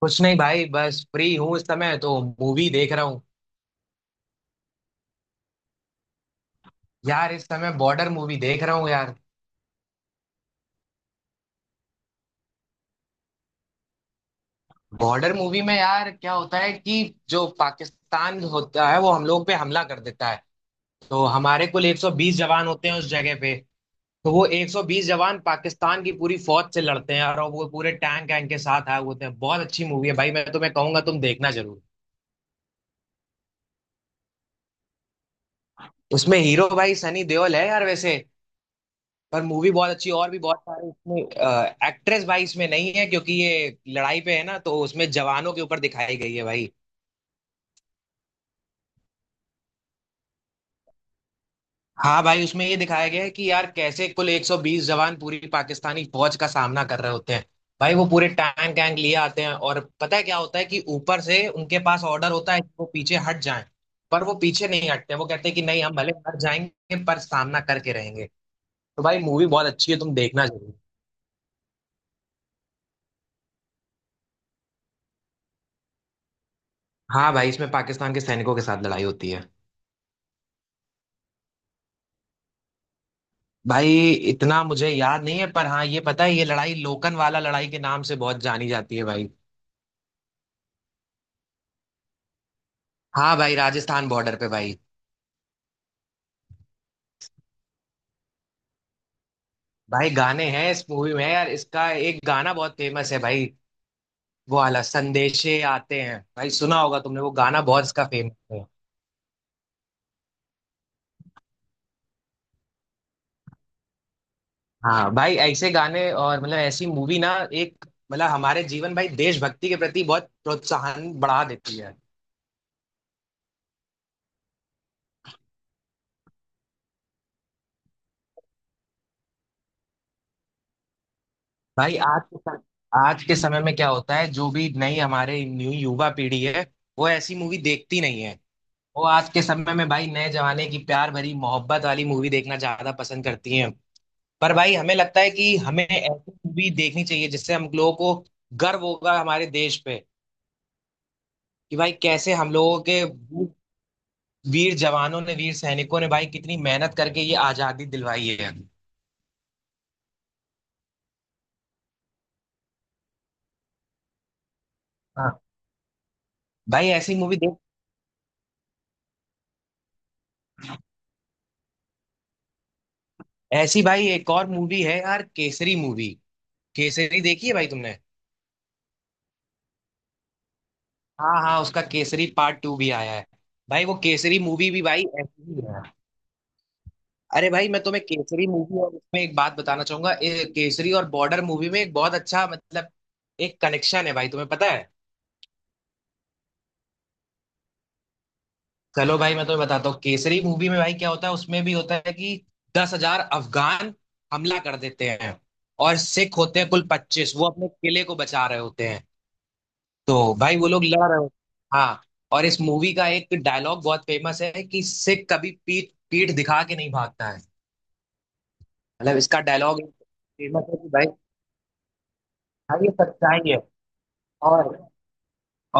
कुछ नहीं भाई, बस फ्री हूँ इस समय तो। मूवी देख रहा हूँ। यार इस समय बॉर्डर मूवी देख रहा हूँ यार। बॉर्डर मूवी में यार क्या होता है कि जो पाकिस्तान होता है वो हम लोग पे हमला कर देता है। तो हमारे कुल 120 जवान होते हैं उस जगह पे। तो वो 120 जवान पाकिस्तान की पूरी फौज से लड़ते हैं और वो पूरे टैंक वैंक के साथ आए हुए होते हैं। बहुत अच्छी मूवी है भाई, मैं तुम्हें कहूंगा तुम देखना जरूर। उसमें हीरो भाई सनी देओल है यार वैसे। पर मूवी बहुत अच्छी, और भी बहुत सारे इसमें। एक्ट्रेस भाई इसमें नहीं है क्योंकि ये लड़ाई पे है ना, तो उसमें जवानों के ऊपर दिखाई गई है भाई। हाँ भाई, उसमें ये दिखाया गया है कि यार कैसे कुल 120 जवान पूरी पाकिस्तानी फौज का सामना कर रहे होते हैं। भाई वो पूरे टैंक वैंक लिए आते हैं, और पता है क्या होता है कि ऊपर से उनके पास ऑर्डर होता है कि वो पीछे हट जाएं। पर वो पीछे नहीं हटते, वो कहते हैं कि नहीं हम भले हट जाएंगे पर सामना करके रहेंगे। तो भाई मूवी बहुत अच्छी है, तुम देखना जरूर। हाँ भाई, इसमें पाकिस्तान के सैनिकों के साथ लड़ाई होती है। भाई इतना मुझे याद नहीं है, पर हाँ ये पता है, ये लड़ाई लोकन वाला लड़ाई के नाम से बहुत जानी जाती है भाई। हाँ भाई, राजस्थान बॉर्डर पे भाई। भाई गाने हैं इस मूवी में, यार इसका एक गाना बहुत फेमस है भाई। वो वाला संदेशे आते हैं भाई, सुना होगा तुमने, वो गाना बहुत इसका फेमस है। हाँ भाई ऐसे गाने, और मतलब ऐसी मूवी ना एक, मतलब हमारे जीवन भाई देशभक्ति के प्रति बहुत प्रोत्साहन बढ़ा देती है। भाई आज के सम- आज के समय में क्या होता है, जो भी नई हमारे न्यू युवा पीढ़ी है, वो ऐसी मूवी देखती नहीं है। वो आज के समय में भाई नए जमाने की प्यार भरी मोहब्बत वाली मूवी देखना ज्यादा पसंद करती हैं। पर भाई हमें लगता है कि हमें ऐसी मूवी देखनी चाहिए जिससे हम लोगों को गर्व होगा हमारे देश पे, कि भाई कैसे हम लोगों के वीर जवानों ने, वीर सैनिकों ने भाई कितनी मेहनत करके ये आजादी दिलवाई है। हाँ भाई, ऐसी मूवी देख। ऐसी भाई एक और मूवी है यार, केसरी मूवी। केसरी देखी है भाई तुमने? हाँ हाँ, उसका केसरी पार्ट टू भी आया है। भाई वो केसरी मूवी भी भाई ऐसी ही है। अरे भाई मैं तुम्हें केसरी मूवी और उसमें एक बात बताना चाहूंगा, केसरी और बॉर्डर मूवी में एक बहुत अच्छा मतलब एक कनेक्शन है भाई, तुम्हें पता है? चलो भाई मैं तुम्हें बताता हूँ, केसरी मूवी में भाई क्या होता है, उसमें भी होता है कि 10 हजार अफगान हमला कर देते हैं, और सिख होते हैं कुल 25, वो अपने किले को बचा रहे होते हैं। तो भाई वो लोग लड़ रहे हो। हाँ, और इस मूवी का एक डायलॉग बहुत फेमस है कि सिख कभी पीठ पीठ दिखा के नहीं भागता है। मतलब इसका डायलॉग फेमस है कि भाई भाई ये सच्चाई है। और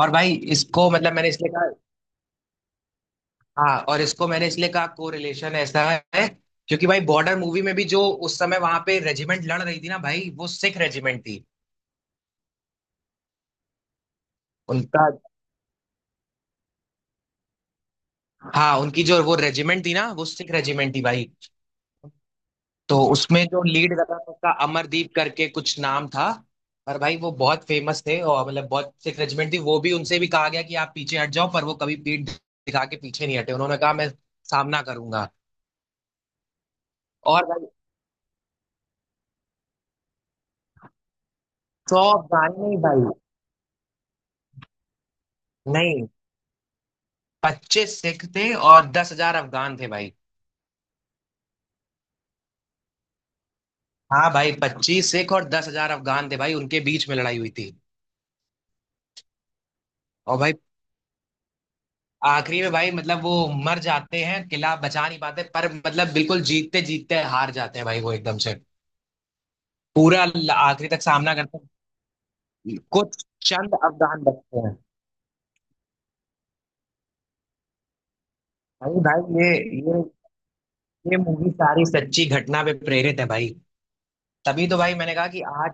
और भाई इसको मतलब मैंने इसलिए कहा। हाँ, और इसको मैंने इसलिए कहा को रिलेशन ऐसा है, क्योंकि भाई बॉर्डर मूवी में भी जो उस समय वहां पे रेजिमेंट लड़ रही थी ना भाई, वो सिख रेजिमेंट थी। उनका। हाँ, उनकी जो वो रेजिमेंट थी ना, वो सिख रेजिमेंट थी भाई। तो उसमें जो लीड कर रहा था उसका अमरदीप करके कुछ नाम था। पर भाई वो बहुत फेमस थे, और मतलब बहुत सिख रेजिमेंट थी वो भी, उनसे भी कहा गया कि आप पीछे हट जाओ, पर वो कभी पीठ दिखा के पीछे नहीं हटे, उन्होंने कहा मैं सामना करूंगा। और भाई 100 अफगान नहीं भाई, नहीं, 25 सिख थे और 10 हजार अफगान थे भाई। हाँ भाई, 25 सिख और 10 हजार अफगान थे भाई, उनके बीच में लड़ाई हुई थी। और भाई आखिरी में भाई मतलब वो मर जाते हैं, किला बचा नहीं पाते, पर मतलब बिल्कुल जीतते जीतते हार जाते हैं भाई। वो एकदम से आखिरी तक सामना करते हैं, कुछ चंद अवदान बचते हैं। भाई भाई ये ये मूवी सारी सच्ची घटना पे प्रेरित है भाई। तभी तो भाई मैंने कहा कि आज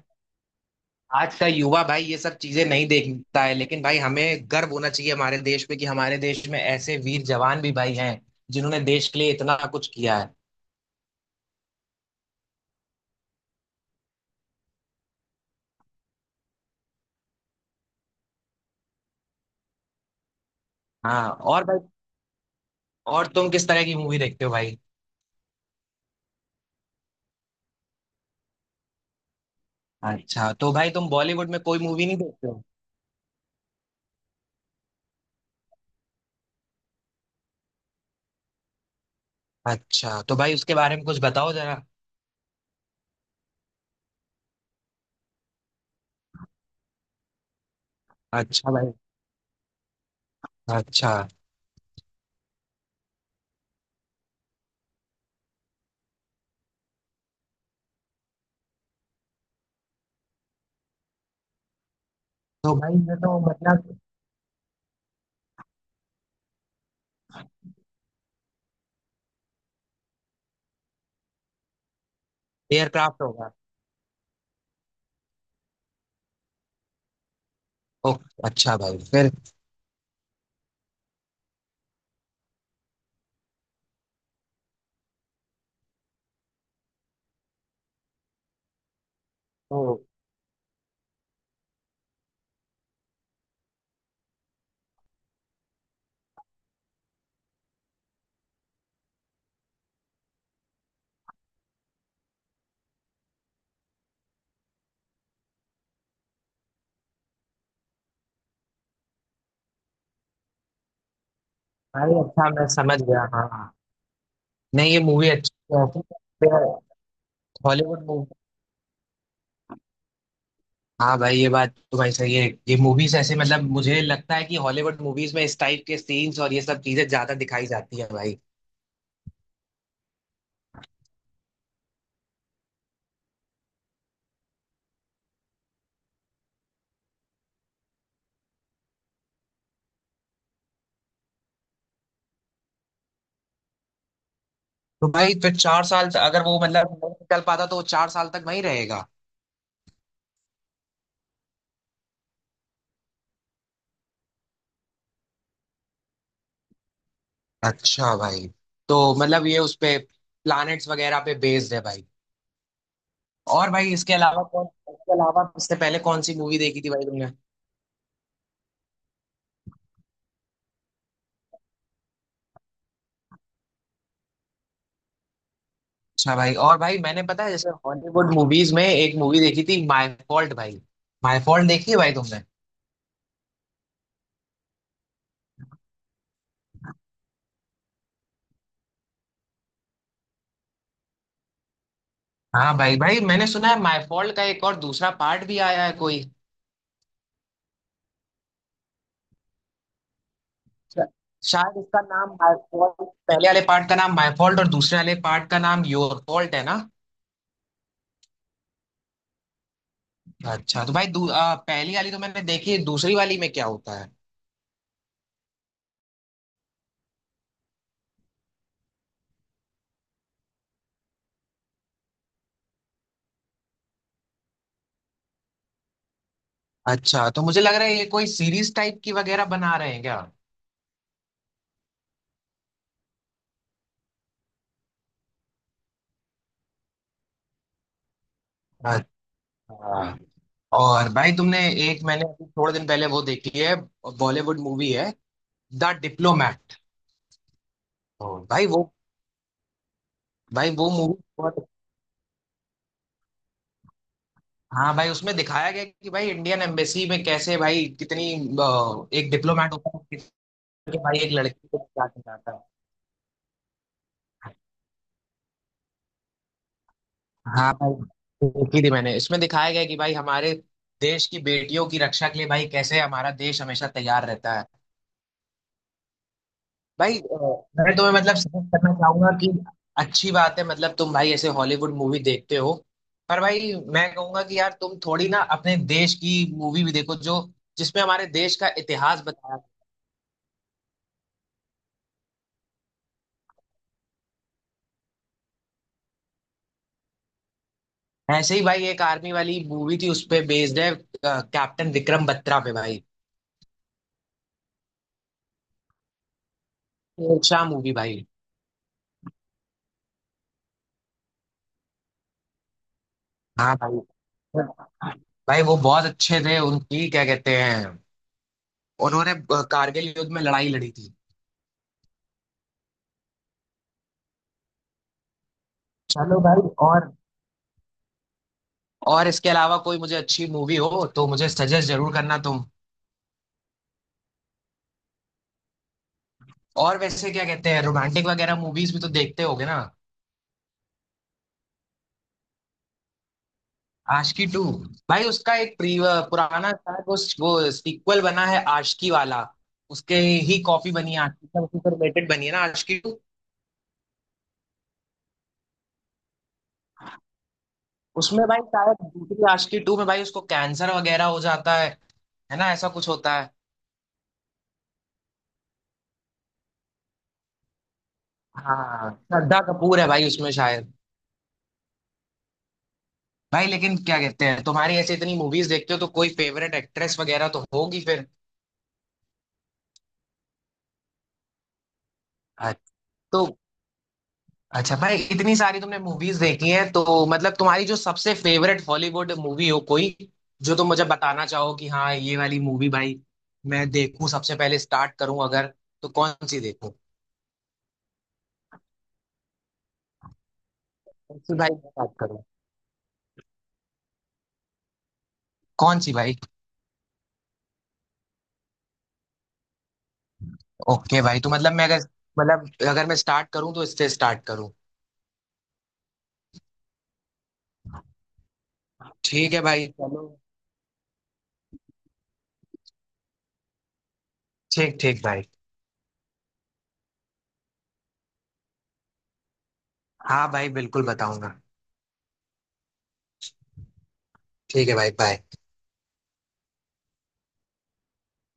आज का युवा भाई ये सब चीजें नहीं देखता है, लेकिन भाई हमें गर्व होना चाहिए हमारे देश पे कि हमारे देश में ऐसे वीर जवान भी भाई हैं जिन्होंने देश के लिए इतना कुछ किया है। हाँ, और भाई, और तुम किस तरह की मूवी देखते हो भाई? अच्छा, तो भाई तुम बॉलीवुड में कोई मूवी नहीं देखते हो? अच्छा, तो भाई उसके बारे में कुछ बताओ जरा। अच्छा भाई। अच्छा तो भाई ये तो मतलब एयरक्राफ्ट होगा? ओके अच्छा भाई, फिर? तो भाई अच्छा, मैं समझ गया, हाँ हाँ। नहीं ये मूवी अच्छी है, हॉलीवुड मूवी। हाँ भाई, ये बात तो भाई सही है, ये मूवीज ऐसे मतलब मुझे लगता है कि हॉलीवुड मूवीज में इस टाइप के सीन्स और ये सब चीजें ज्यादा दिखाई जाती है भाई। तो भाई फिर चार साल तक अगर वो मतलब नहीं निकल पाता तो वो चार साल तक वहीं रहेगा? अच्छा भाई, तो मतलब ये उस पे प्लैनेट्स वगैरह पे बेस्ड है भाई। और भाई इसके अलावा कौन, इसके अलावा इससे पहले कौन सी मूवी देखी थी भाई तुमने? अच्छा भाई। और भाई मैंने, पता है, जैसे हॉलीवुड मूवीज में एक मूवी देखी थी माय फॉल्ट भाई। माय फॉल्ट देखी है भाई तुमने? हाँ भाई, भाई मैंने सुना है माय फॉल्ट का एक और दूसरा पार्ट भी आया है कोई। शा- शायद इसका नाम माय फॉल्ट, पहले वाले पार्ट का नाम माय फॉल्ट और दूसरे वाले पार्ट का नाम योर फॉल्ट है ना? अच्छा तो भाई, पहली वाली तो मैंने देखी है, दूसरी वाली में क्या होता है? अच्छा, तो मुझे लग रहा है ये कोई सीरीज टाइप की वगैरह बना रहे हैं क्या? अच्छा, और भाई तुमने, एक मैंने अभी थोड़े दिन पहले वो देखी है, बॉलीवुड मूवी है, द डिप्लोमैट। हाँ भाई वो, भाई वो मूवी बहुत। हाँ भाई, उसमें दिखाया गया कि भाई इंडियन एम्बेसी में कैसे भाई कितनी, एक डिप्लोमैट होता है कि भाई एक लड़की को क्या सिखाता है। हाँ भाई, देखी थी मैंने, इसमें दिखाया गया कि भाई हमारे देश की बेटियों की रक्षा के लिए भाई कैसे हमारा देश हमेशा तैयार रहता है। भाई, मैं तुम्हें मतलब सजेस्ट करना चाहूंगा कि अच्छी बात है मतलब तुम भाई ऐसे हॉलीवुड मूवी देखते हो, पर भाई मैं कहूंगा कि यार तुम थोड़ी ना अपने देश की मूवी भी देखो, जो जिसमें हमारे देश का इतिहास बताया। ऐसे ही भाई एक आर्मी वाली मूवी थी उस पे बेस्ड है, कैप्टन विक्रम बत्रा पे भाई, शेरशाह मूवी भाई। हाँ भाई, भाई वो बहुत अच्छे थे, उनकी क्या कहते हैं, उन्होंने कारगिल युद्ध में लड़ाई लड़ी थी। चलो भाई, और इसके अलावा कोई मुझे अच्छी मूवी हो तो मुझे सजेस्ट जरूर करना तुम। और वैसे क्या कहते हैं, रोमांटिक वगैरह मूवीज भी तो देखते होगे ना? आशिकी टू? भाई उसका एक प्री, पुराना शायद वो सीक्वल बना है आशिकी वाला, उसके ही कॉपी बनी है आशिकी का, उसी से रिलेटेड बनी है ना आशिकी टू। उसमें भाई शायद दूसरी आशिकी टू में भाई उसको कैंसर वगैरह हो जाता है ना, ऐसा कुछ होता है? हाँ, श्रद्धा कपूर है भाई उसमें शायद। भाई लेकिन क्या कहते हैं, तुम्हारी ऐसे इतनी मूवीज देखते हो तो कोई फेवरेट एक्ट्रेस वगैरह तो होगी फिर? तो अच्छा भाई, इतनी सारी तुमने मूवीज देखी हैं तो मतलब तुम्हारी जो सबसे फेवरेट हॉलीवुड मूवी हो कोई, जो तुम मुझे बताना चाहो कि हाँ ये वाली मूवी भाई मैं देखूं सबसे पहले, स्टार्ट करूं अगर, तो कौन सी देखूं? कौन सी भाई स्टार्ट करूं? कौन सी भाई? ओके भाई, तो मतलब मैं अगर, मतलब अगर मैं स्टार्ट करूं तो इससे स्टार्ट करूं? ठीक है भाई चलो। ठीक ठीक भाई। हाँ भाई बिल्कुल बताऊंगा। ठीक है भाई, बाय।